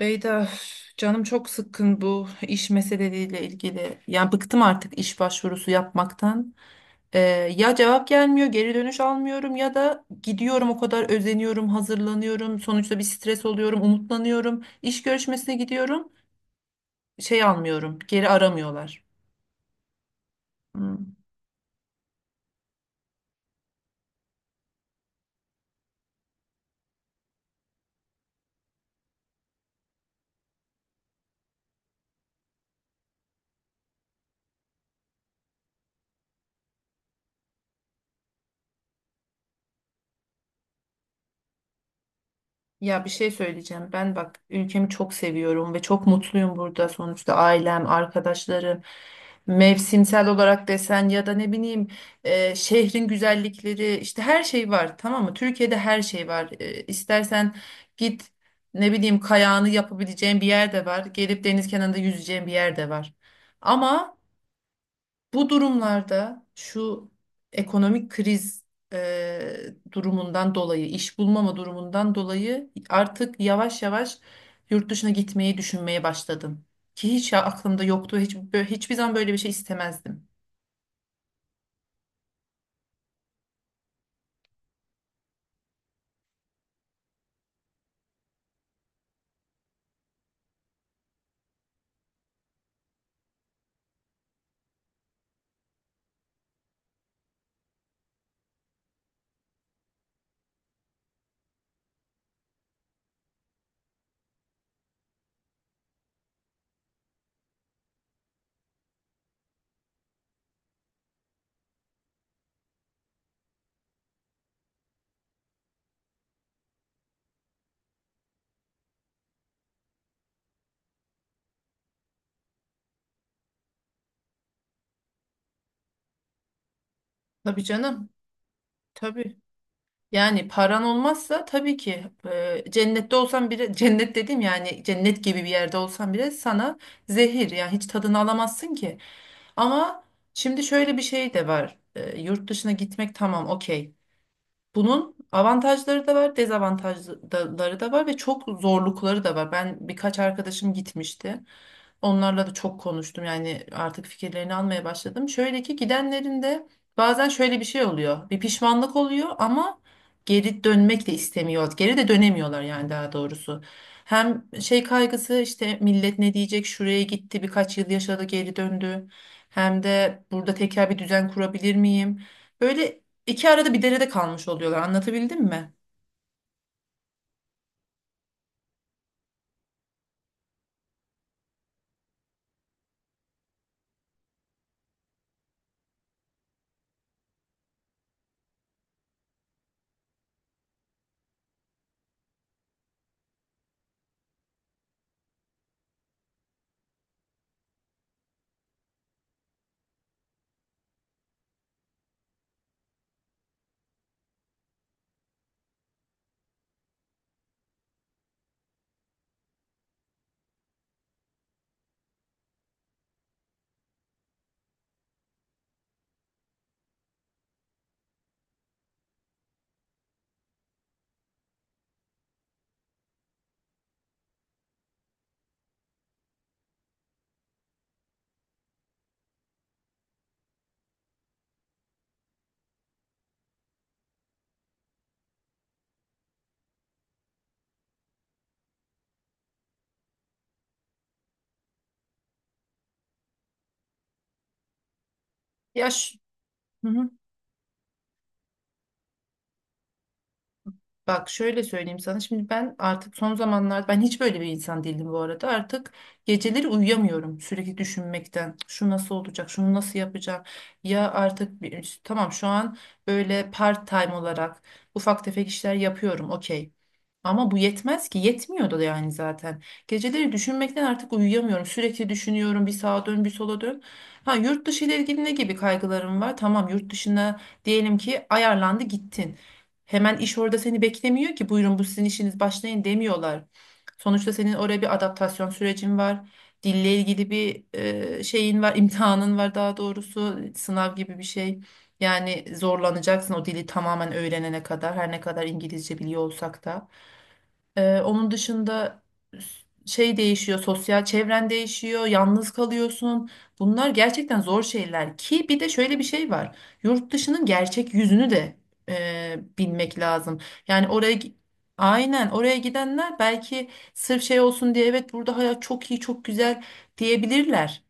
Beyda, üf, canım çok sıkkın bu iş meseleleriyle ilgili. Yani bıktım artık iş başvurusu yapmaktan. Ee, ya cevap gelmiyor, geri dönüş almıyorum ya da gidiyorum o kadar özeniyorum, hazırlanıyorum. Sonuçta bir stres oluyorum, umutlanıyorum. İş görüşmesine gidiyorum, şey almıyorum, geri aramıyorlar. Hmm. Ya bir şey söyleyeceğim. Ben bak ülkemi çok seviyorum ve çok mutluyum burada. Sonuçta ailem, arkadaşlarım, mevsimsel olarak desen ya da ne bileyim şehrin güzellikleri işte her şey var, tamam mı? Türkiye'de her şey var. E, istersen git, ne bileyim, kayağını yapabileceğin bir yer de var. Gelip deniz kenarında yüzeceğin bir yer de var. Ama bu durumlarda şu ekonomik kriz e, durumundan dolayı, iş bulmama durumundan dolayı artık yavaş yavaş yurt dışına gitmeyi düşünmeye başladım. Ki hiç aklımda yoktu, hiç, hiçbir zaman böyle bir şey istemezdim. Tabii canım, tabii. Yani paran olmazsa tabii ki cennette olsan bile, cennet dedim, yani cennet gibi bir yerde olsan bile sana zehir. Yani hiç tadını alamazsın ki. Ama şimdi şöyle bir şey de var. Yurt dışına gitmek tamam, okey. Bunun avantajları da var, dezavantajları da var ve çok zorlukları da var. Ben birkaç arkadaşım gitmişti. Onlarla da çok konuştum, yani artık fikirlerini almaya başladım. Şöyle ki gidenlerin de bazen şöyle bir şey oluyor. Bir pişmanlık oluyor ama geri dönmek de istemiyor. Geri de dönemiyorlar, yani daha doğrusu. Hem şey kaygısı işte, millet ne diyecek, şuraya gitti, birkaç yıl yaşadı, geri döndü. Hem de burada tekrar bir düzen kurabilir miyim? Böyle iki arada bir derede kalmış oluyorlar, anlatabildim mi? Yaş. Bak şöyle söyleyeyim sana, şimdi ben artık son zamanlarda, ben hiç böyle bir insan değildim bu arada, artık geceleri uyuyamıyorum sürekli düşünmekten, şu nasıl olacak, şunu nasıl yapacağım. Ya artık bir, tamam şu an böyle part time olarak ufak tefek işler yapıyorum, okey, ama bu yetmez ki, yetmiyordu da yani zaten. Geceleri düşünmekten artık uyuyamıyorum, sürekli düşünüyorum, bir sağa dön bir sola dön. Ha, yurt dışı ile ilgili ne gibi kaygılarım var? Tamam, yurt dışına diyelim ki ayarlandı, gittin. Hemen iş orada seni beklemiyor ki, buyurun bu sizin işiniz başlayın demiyorlar. Sonuçta senin oraya bir adaptasyon sürecin var. Dille ilgili bir şeyin var, imtihanın var, daha doğrusu sınav gibi bir şey. Yani zorlanacaksın o dili tamamen öğrenene kadar, her ne kadar İngilizce biliyor olsak da. Onun dışında şey değişiyor, sosyal çevren değişiyor, yalnız kalıyorsun. Bunlar gerçekten zor şeyler, ki bir de şöyle bir şey var. Yurt dışının gerçek yüzünü de bilmek lazım. Yani aynen, oraya gidenler belki sırf şey olsun diye evet burada hayat çok iyi, çok güzel diyebilirler.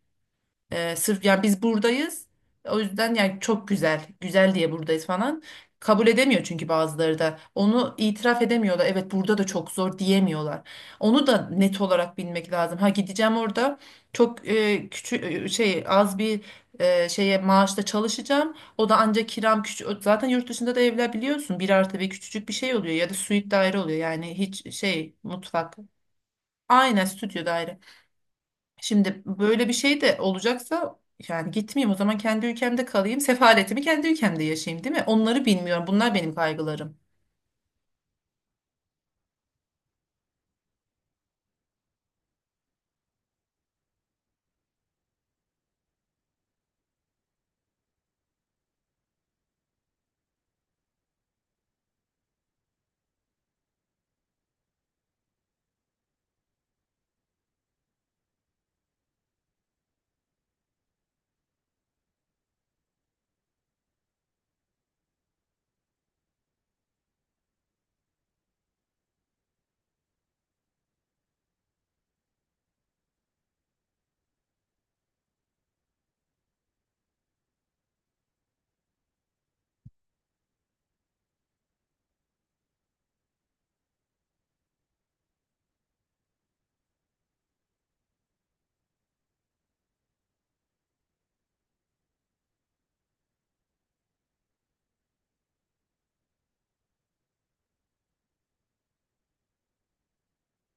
Sırf yani biz buradayız. O yüzden yani çok güzel, güzel diye buradayız falan. Kabul edemiyor çünkü bazıları da. Onu itiraf edemiyorlar. Evet, burada da çok zor diyemiyorlar. Onu da net olarak bilmek lazım. Ha, gideceğim orada çok küçük şey, az bir şeye, maaşla çalışacağım. O da ancak, kiram küçük. Zaten yurt dışında da evler biliyorsun bir artı bir küçücük bir şey oluyor ya da suite daire oluyor. Yani hiç şey, mutfak. Aynen, stüdyo daire. Şimdi böyle bir şey de olacaksa, yani gitmeyeyim o zaman, kendi ülkemde kalayım. Sefaletimi kendi ülkemde yaşayayım, değil mi? Onları bilmiyorum. Bunlar benim kaygılarım.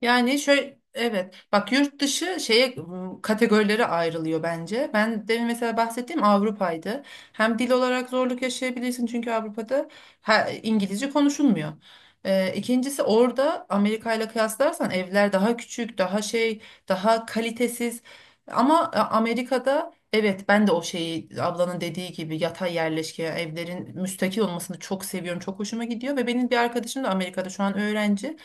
Yani şöyle, evet bak, yurt dışı kategorilere ayrılıyor bence. Ben demin mesela bahsettiğim Avrupa'ydı. Hem dil olarak zorluk yaşayabilirsin çünkü Avrupa'da İngilizce konuşulmuyor. İkincisi, orada Amerika ile kıyaslarsan evler daha küçük, daha şey, daha kalitesiz. Ama Amerika'da evet, ben de o şeyi, ablanın dediği gibi yatay yerleşke, evlerin müstakil olmasını çok seviyorum. Çok hoşuma gidiyor. Ve benim bir arkadaşım da Amerika'da şu an öğrenci,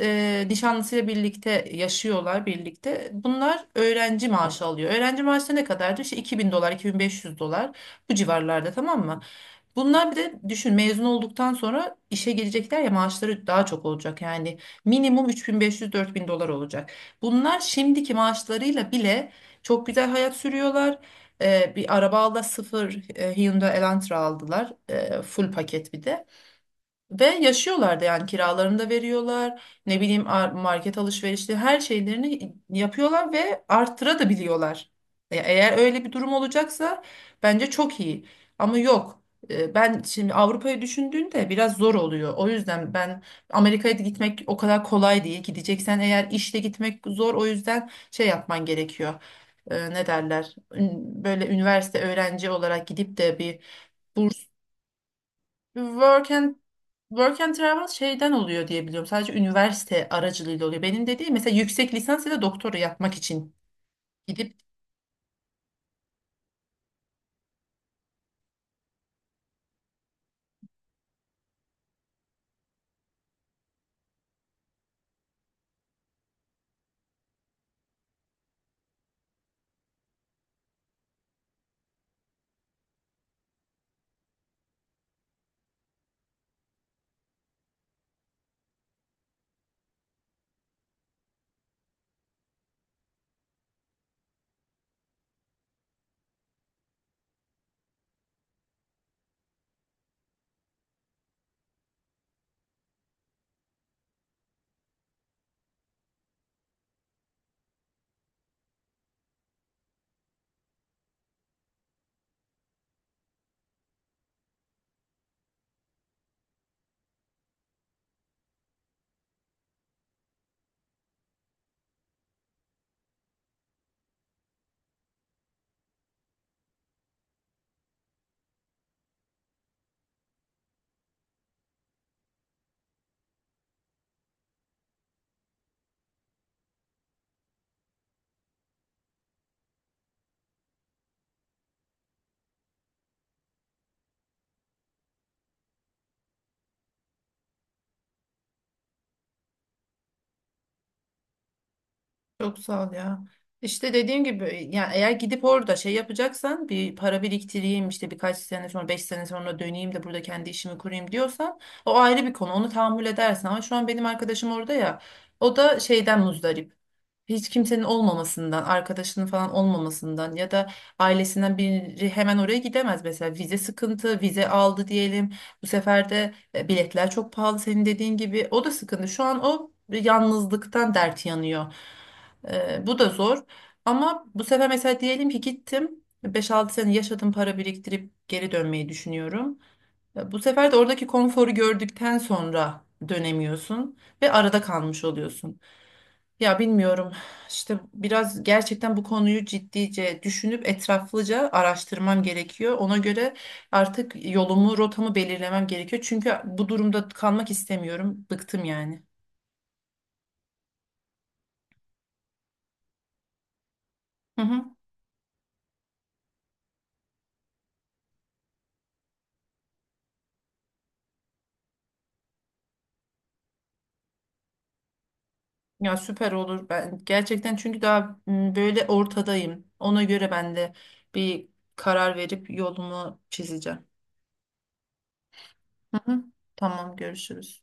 nişanlısıyla birlikte yaşıyorlar, birlikte. Bunlar öğrenci maaşı alıyor. Öğrenci maaşı da ne kadardı? İşte $2,000, $2,500, bu civarlarda, tamam mı? Bunlar bir de düşün, mezun olduktan sonra işe girecekler ya, maaşları daha çok olacak. Yani minimum 3,500, $4,000 olacak. Bunlar şimdiki maaşlarıyla bile çok güzel hayat sürüyorlar. Bir araba aldı, sıfır, Hyundai Elantra aldılar. Full paket bir de. Ve yaşıyorlar da, yani kiralarını da veriyorlar. Ne bileyim, market alışverişleri, her şeylerini yapıyorlar ve arttıra da biliyorlar. Eğer öyle bir durum olacaksa bence çok iyi. Ama yok. Ben şimdi Avrupa'yı düşündüğünde biraz zor oluyor. O yüzden ben Amerika'ya da gitmek o kadar kolay değil. Gideceksen eğer, işle gitmek zor. O yüzden şey yapman gerekiyor. Ne derler? Böyle üniversite öğrenci olarak gidip de bir burs, work and Work and travel şeyden oluyor diye biliyorum. Sadece üniversite aracılığıyla oluyor. Benim dediğim mesela yüksek lisans ya da doktora yapmak için gidip. Çok sağ ol ya. İşte dediğim gibi, yani eğer gidip orada şey yapacaksan, bir para biriktireyim işte, birkaç sene sonra, 5 sene sonra döneyim de burada kendi işimi kurayım diyorsan, o ayrı bir konu, onu tahammül edersin. Ama şu an benim arkadaşım orada ya, o da şeyden muzdarip. Hiç kimsenin olmamasından, arkadaşının falan olmamasından. Ya da ailesinden biri hemen oraya gidemez mesela, vize sıkıntı, vize aldı diyelim. Bu sefer de biletler çok pahalı, senin dediğin gibi. O da sıkıntı. Şu an o yalnızlıktan dert yanıyor. Bu da zor. Ama bu sefer mesela diyelim ki gittim, beş altı sene yaşadım, para biriktirip geri dönmeyi düşünüyorum. Bu sefer de oradaki konforu gördükten sonra dönemiyorsun ve arada kalmış oluyorsun. Ya bilmiyorum, işte biraz gerçekten bu konuyu ciddice düşünüp etraflıca araştırmam gerekiyor. Ona göre artık yolumu, rotamı belirlemem gerekiyor. Çünkü bu durumda kalmak istemiyorum. Bıktım yani. Hı hı. Ya süper olur, ben gerçekten, çünkü daha böyle ortadayım. Ona göre ben de bir karar verip yolumu çizeceğim. Hı hı. Tamam, görüşürüz.